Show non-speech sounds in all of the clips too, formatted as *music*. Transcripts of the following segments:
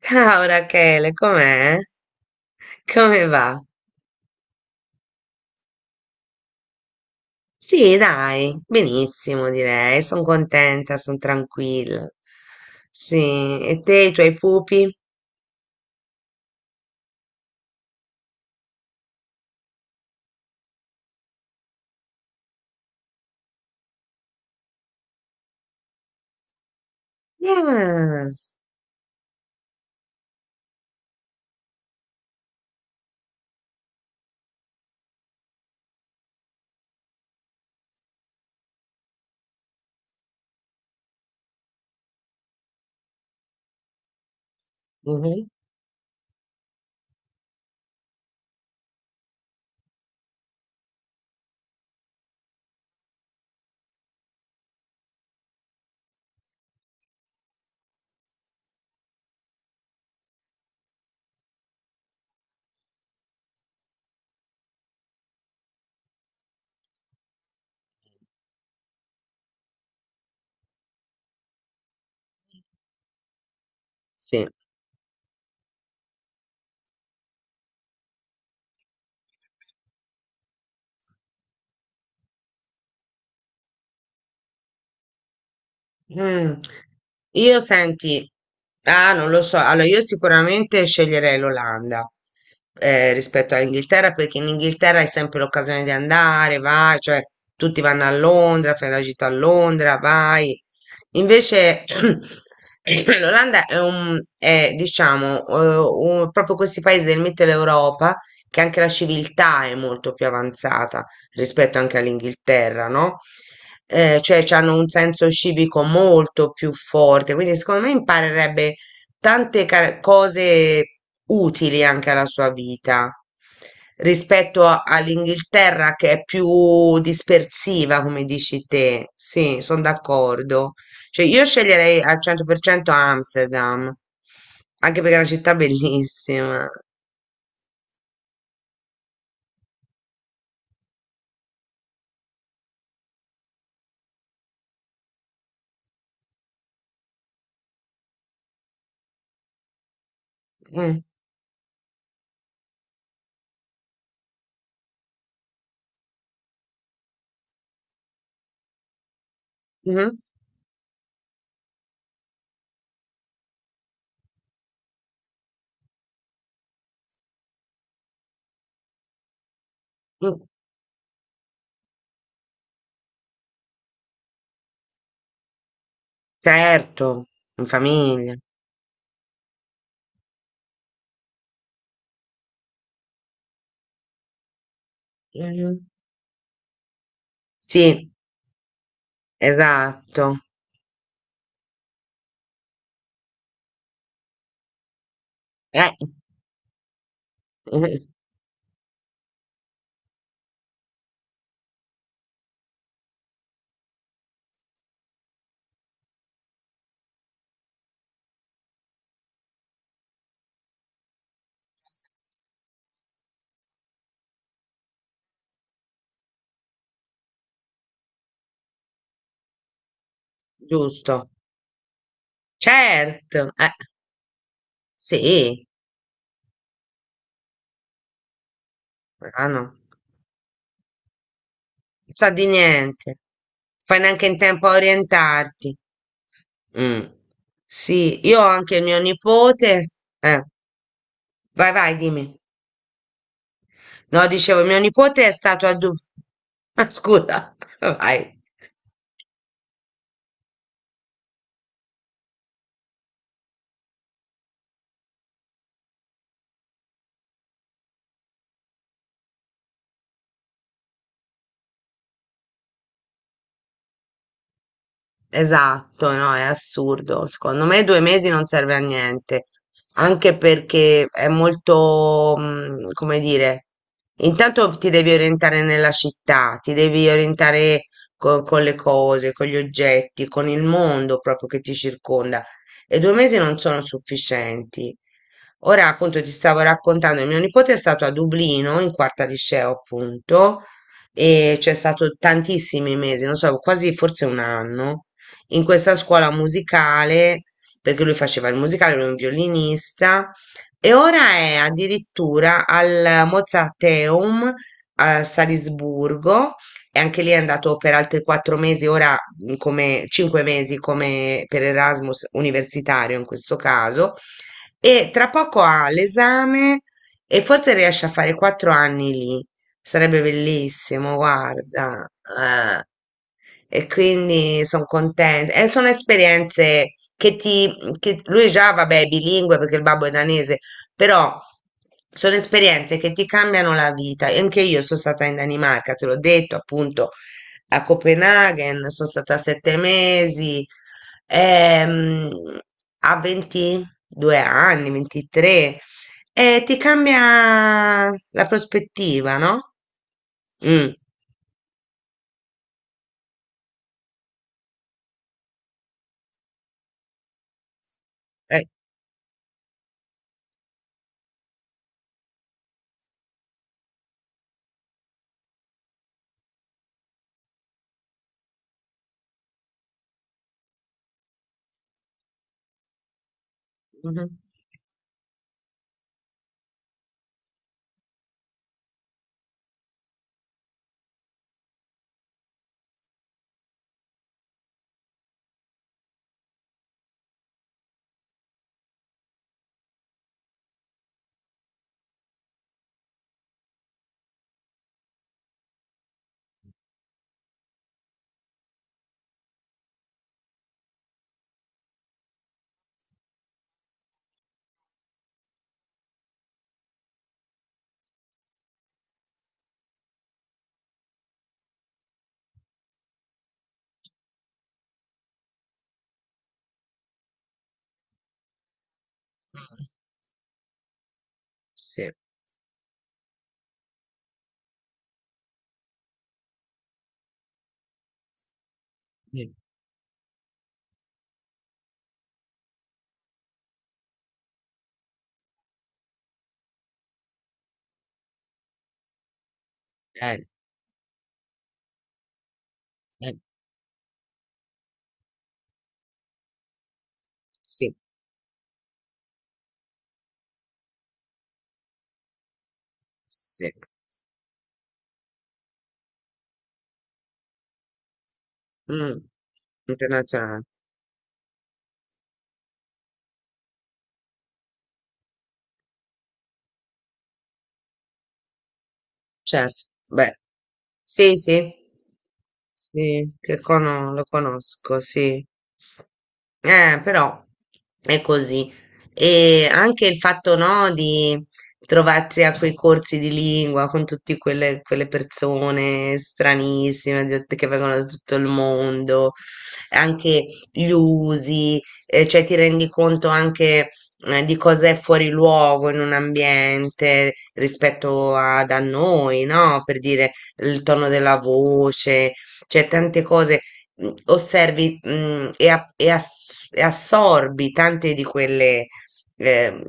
Ciao Rachele, com'è? Come va? Sì, dai, benissimo direi, sono contenta, sono tranquilla. Sì, e te, i tuoi pupi? Yes. Mhm. Sì. Mm. Io senti, non lo so, allora io sicuramente sceglierei l'Olanda rispetto all'Inghilterra perché in Inghilterra hai sempre l'occasione di andare, vai, cioè tutti vanno a Londra, fai la gita a Londra, vai. Invece *clears throat* l'Olanda diciamo, proprio questi paesi del Mittel Europa che anche la civiltà è molto più avanzata rispetto anche all'Inghilterra, no? Cioè hanno un senso civico molto più forte, quindi secondo me imparerebbe tante cose utili anche alla sua vita rispetto all'Inghilterra che è più dispersiva, come dici te. Sì, sono d'accordo. Cioè, io sceglierei al 100% Amsterdam, anche perché è una città bellissima. Mm. Mhm. Mm. Certo, in famiglia. Mh-mh. Sì, esatto. Eh, mh-mh, giusto. Certo, sì, però no, non sa di niente. Fai neanche in tempo a orientarti. Mh. Sì, io ho anche mio nipote, eh, vai, vai, dimmi. No, dicevo, mio nipote è stato a Du ah, *laughs* scusa, *laughs* vai. Esatto, no, è assurdo. Secondo me due mesi non serve a niente, anche perché è molto, come dire, intanto ti devi orientare nella città, ti devi orientare con le cose, con gli oggetti, con il mondo proprio che ti circonda. E due mesi non sono sufficienti. Ora, appunto, ti stavo raccontando, mio nipote è stato a Dublino, in quarta liceo, appunto, e c'è stato tantissimi mesi, non so, quasi forse un anno in questa scuola musicale, perché lui faceva il musicale, lui è un violinista, e ora è addirittura al Mozarteum a Salisburgo, e anche lì è andato per altri 4 mesi, ora come 5 mesi come per Erasmus universitario in questo caso, e tra poco ha l'esame e forse riesce a fare 4 anni lì. Sarebbe bellissimo, guarda. Eh. E quindi sono contenta. E sono esperienze che ti... lui già, vabbè, è bilingue perché il babbo è danese, però sono esperienze che ti cambiano la vita. E anche io sono stata in Danimarca, te l'ho detto, appunto, a Copenaghen, sono stata 7 mesi, ehm, a 22 anni, 23, e ti cambia la prospettiva, no? Mh. Eh. Mh-mh. Sì, mh, eh, eh, sì, sì, mh. Internazionale, certo, beh, sì, sì. Sì, che cono lo conosco, sì. Però è così. E anche il fatto, no, di trovarsi a quei corsi di lingua con tutte quelle persone stranissime che vengono da tutto il mondo, anche gli usi, cioè ti rendi conto anche, di cosa è fuori luogo in un ambiente rispetto a, da noi, no? Per dire il tono della voce, cioè tante cose osservi, e, e assorbi tante di quelle ehm,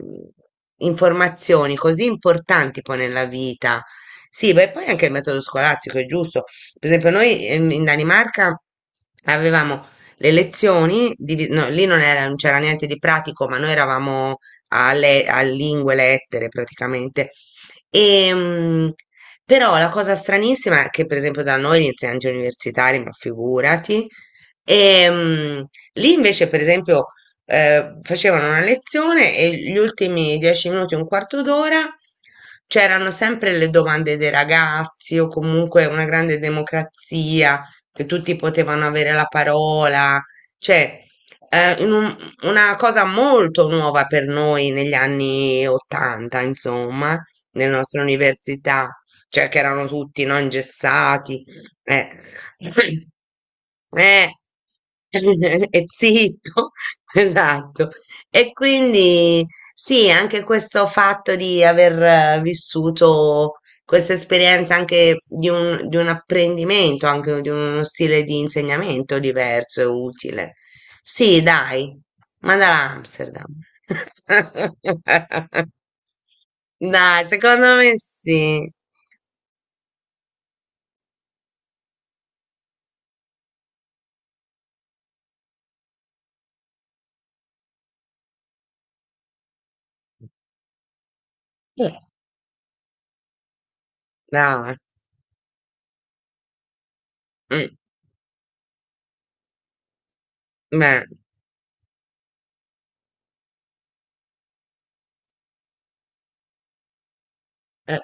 informazioni così importanti poi nella vita. Sì, beh, poi anche il metodo scolastico è giusto. Per esempio, noi in Danimarca avevamo no, lì non c'era niente di pratico, ma noi eravamo a lingue, lettere praticamente. E, però la cosa stranissima è che, per esempio, da noi gli insegnanti universitari, ma figurati, ehm, lì invece, per esempio, facevano una lezione e gli ultimi 10 minuti, un quarto d'ora, c'erano sempre le domande dei ragazzi o comunque una grande democrazia, che tutti potevano avere la parola, cioè, eh, in un- una cosa molto nuova per noi negli anni 80, insomma nella nostra università cioè che erano tutti no, ingessati, eh, *laughs* eh, *laughs* e zitto, *laughs* esatto. E quindi sì, anche questo fatto di aver vissuto questa esperienza anche di un apprendimento, anche di uno stile di insegnamento diverso e utile. Sì, dai, mandala a Amsterdam. *laughs* Dai, secondo me sì. Ah, mm, beh, eh,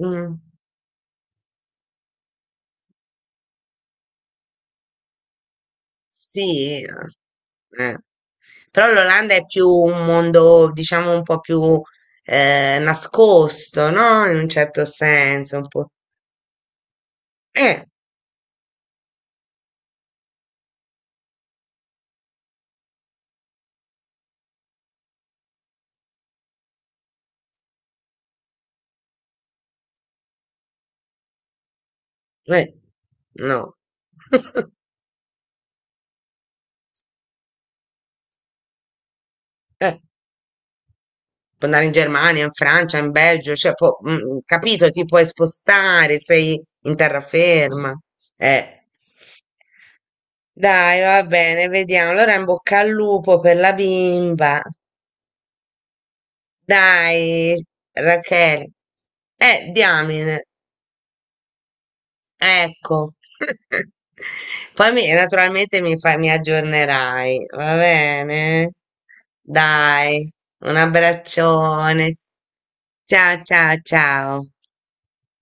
mm, sì, eh. Eh. Però l'Olanda è più un mondo, diciamo, un po' più nascosto, no? In un certo senso, un po'. Eh, eh, no. *laughs* Eh, puoi andare in Germania, in Francia, in Belgio, cioè, capito, ti puoi spostare, sei in terraferma. Eh. Dai, va bene, vediamo. Allora in bocca al lupo per la bimba. Dai, Rachele. Diamine, ecco. *laughs* Poi naturalmente mi aggiornerai, va bene? Dai, un abbraccione. Ciao, ciao, ciao.